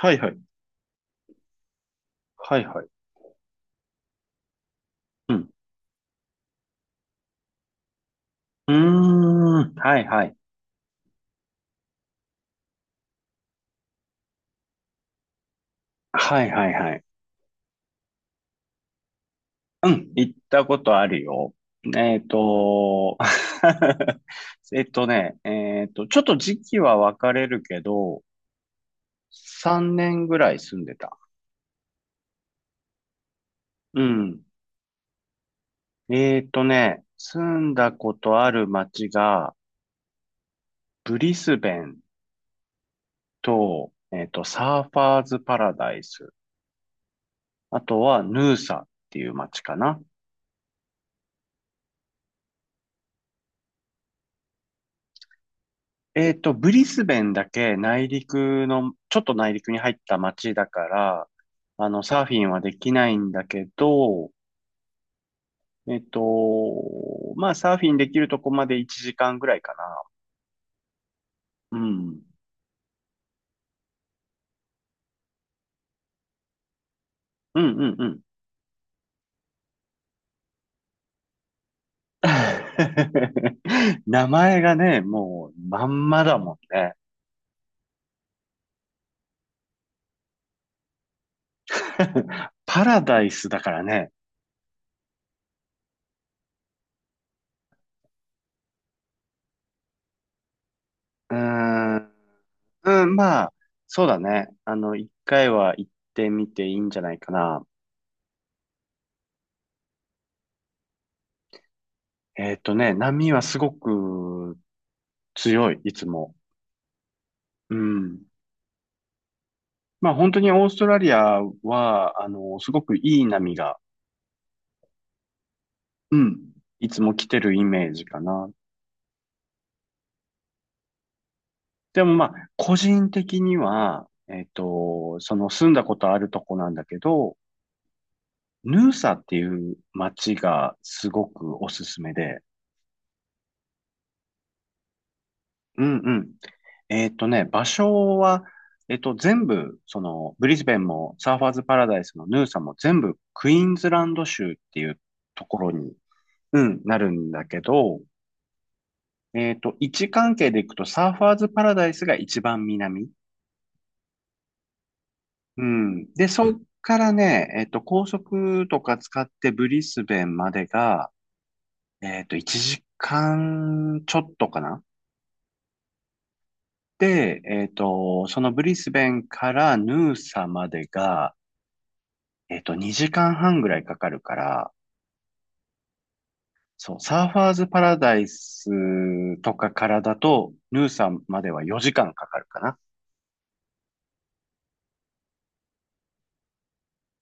はいはい。はいはい。うん。うーん。はいはい。はいはいはい。うん。行ったことあるよ。えっと、えっとね、えっと、ちょっと時期は分かれるけど、3年ぐらい住んでた。うん。住んだことある街が、ブリスベンと、サーファーズパラダイス。あとは、ヌーサっていう街かな。ブリスベンだけ内陸の、ちょっと内陸に入った町だから、サーフィンはできないんだけど、えっと、まあ、サーフィンできるとこまで1時間ぐらいかな。うん。うんうんうん。名前がね、もう、まんまだもんね。パラダイスだからね。うーん。うん、まあ、そうだね。一回は行ってみていいんじゃないかな。波はすごく強い、いつも。うん。まあ本当にオーストラリアは、すごくいい波が、うん、いつも来てるイメージかな。でもまあ、個人的には、その住んだことあるとこなんだけど、ヌーサっていう街がすごくおすすめで、うんうん。場所は、全部、ブリスベンも、サーファーズパラダイスのヌーサも全部、クイーンズランド州っていうところに、うん、なるんだけど、位置関係でいくと、サーファーズパラダイスが一番南。うん。で、そっからね、高速とか使ってブリスベンまでが、1時間ちょっとかな。で、そのブリスベンからヌーサまでが、2時間半ぐらいかかるから、そう、サーファーズパラダイスとかからだと、ヌーサンまでは4時間かかるかな。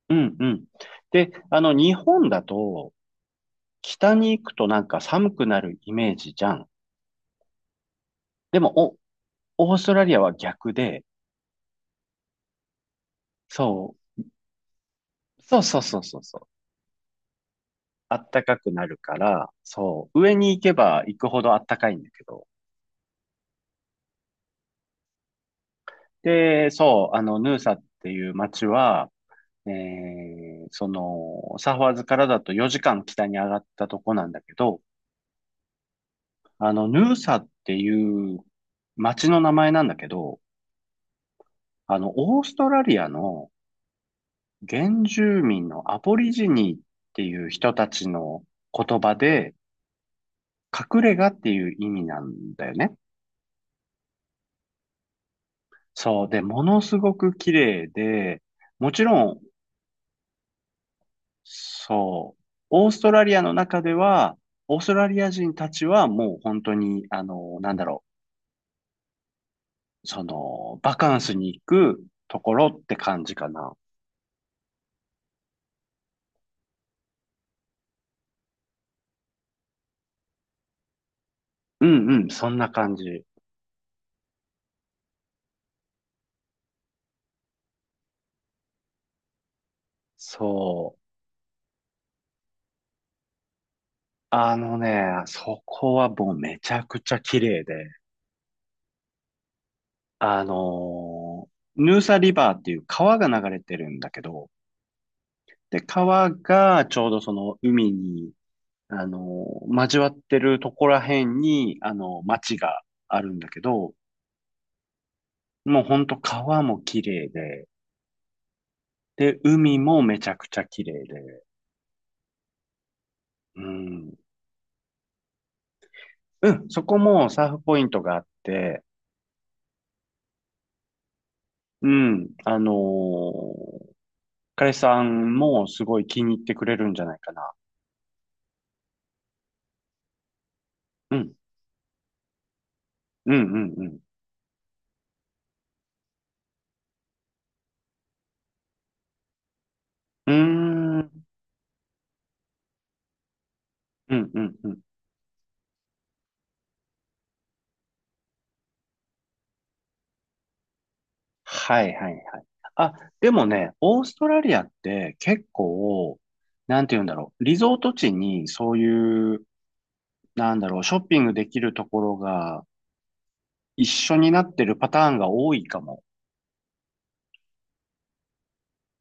うんうん。で、日本だと、北に行くとなんか寒くなるイメージじゃん。でも、オーストラリアは逆で、そう、そうそうそうそうそう。あったかくなるから、そう、上に行けば行くほどあったかいんだけど。で、そう、ヌーサっていう街は、サファーズからだと4時間北に上がったとこなんだけど、ヌーサっていう町の名前なんだけど、オーストラリアの原住民のアボリジニーっていう人たちの言葉で、隠れ家っていう意味なんだよね。そう。で、ものすごく綺麗で、もちろん、そう、オーストラリアの中では、オーストラリア人たちはもう本当に、なんだろう、バカンスに行くところって感じかな。うんうん、そんな感じ。そう。あのね、そこはもうめちゃくちゃ綺麗で、あのヌーサリバーっていう川が流れてるんだけど、で、川がちょうどその海に、交わってるとこら辺に、町があるんだけど、もうほんと川も綺麗で、で、海もめちゃくちゃ綺麗で、うん、うん、そこもサーフポイントがあって、うん、彼氏さんもすごい気に入ってくれるんじゃないかな。うん、うん、うん、うん。うーん、うん、うん、うん。はい、はい、はい。あ、でもね、オーストラリアって結構、なんて言うんだろう、リゾート地にそういう、なんだろう、ショッピングできるところが一緒になってるパターンが多いかも。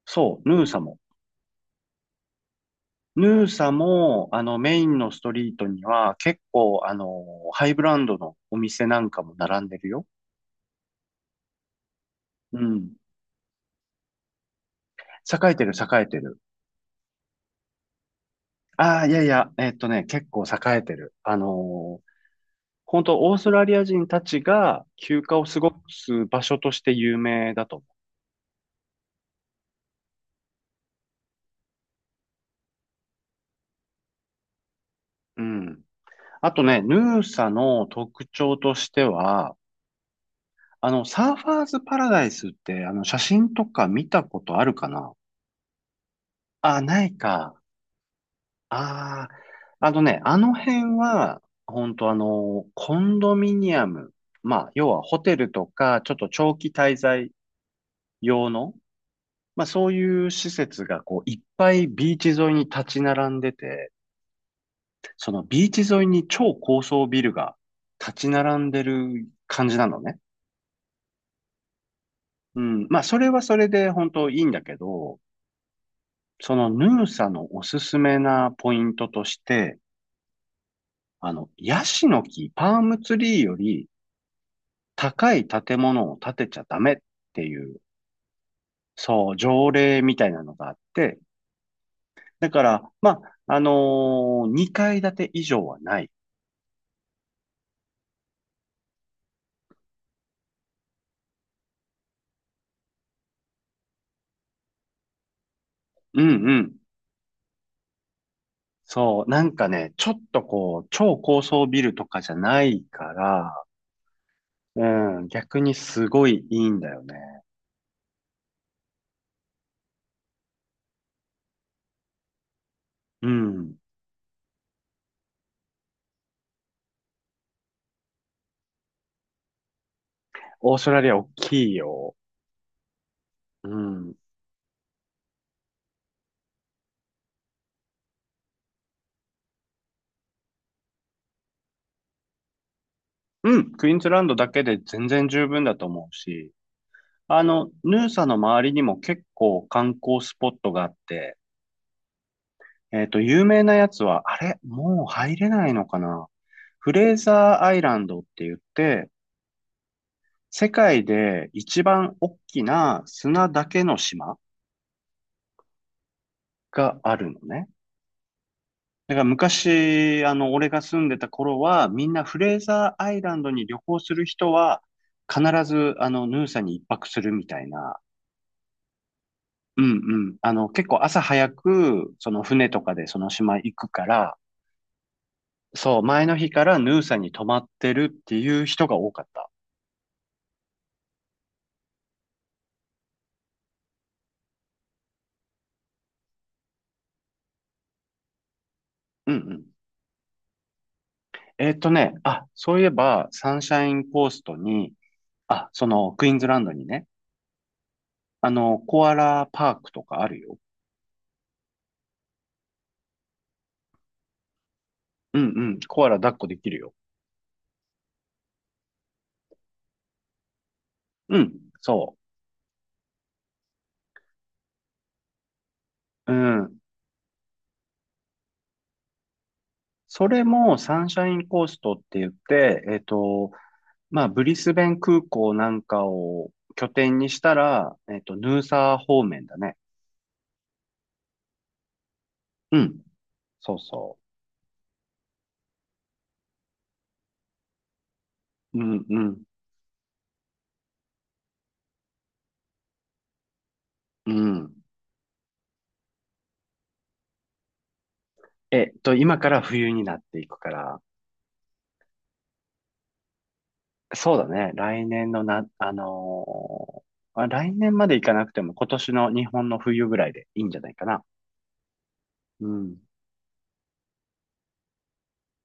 そう、ヌーサも。ヌーサも、メインのストリートには、結構、ハイブランドのお店なんかも並んでるよ。うん。栄えてる、栄えてる。ああ、いやいや、結構栄えてる。本当オーストラリア人たちが休暇を過ごす場所として有名だと思う。うん。あとね、ヌーサの特徴としては、サーファーズパラダイスって、写真とか見たことあるかなあ、ないか。ああ、あのね、あの辺は、本当コンドミニアム、まあ、要はホテルとか、ちょっと長期滞在用の、まあそういう施設がこう、いっぱいビーチ沿いに立ち並んでて、そのビーチ沿いに超高層ビルが立ち並んでる感じなのね。うん、まあそれはそれで本当いいんだけど、そのヌーサのおすすめなポイントとして、ヤシの木、パームツリーより、高い建物を建てちゃダメっていう、そう、条例みたいなのがあって、だから、まあ、2階建て以上はない。うんうん。そう、なんかね、ちょっとこう、超高層ビルとかじゃないから、うん、逆にすごいいいんだよね。うん。オーストラリア大きいよ。うん。うん、クイーンズランドだけで全然十分だと思うし、ヌーサの周りにも結構観光スポットがあって、有名なやつは、あれもう入れないのかな、フレーザーアイランドって言って、世界で一番大きな砂だけの島があるのね。だから昔、俺が住んでた頃は、みんなフレーザーアイランドに旅行する人は、必ず、ヌーサに一泊するみたいな。うんうん。結構朝早く、その船とかでその島行くから、そう、前の日からヌーサに泊まってるっていう人が多かった。うんうん。あ、そういえば、サンシャインコーストに、あ、その、クイーンズランドにね、コアラパークとかあるよ。うんうん、コアラ抱っこできるよ。うん、そう。うん。それもサンシャインコーストって言って、まあ、ブリスベン空港なんかを拠点にしたら、ヌーサー方面だね。うん、そうそう。うんうん、うん。今から冬になっていくから、そうだね。来年のな、あのーあ来年まで行かなくても今年の日本の冬ぐらいでいいんじゃないかな。うん。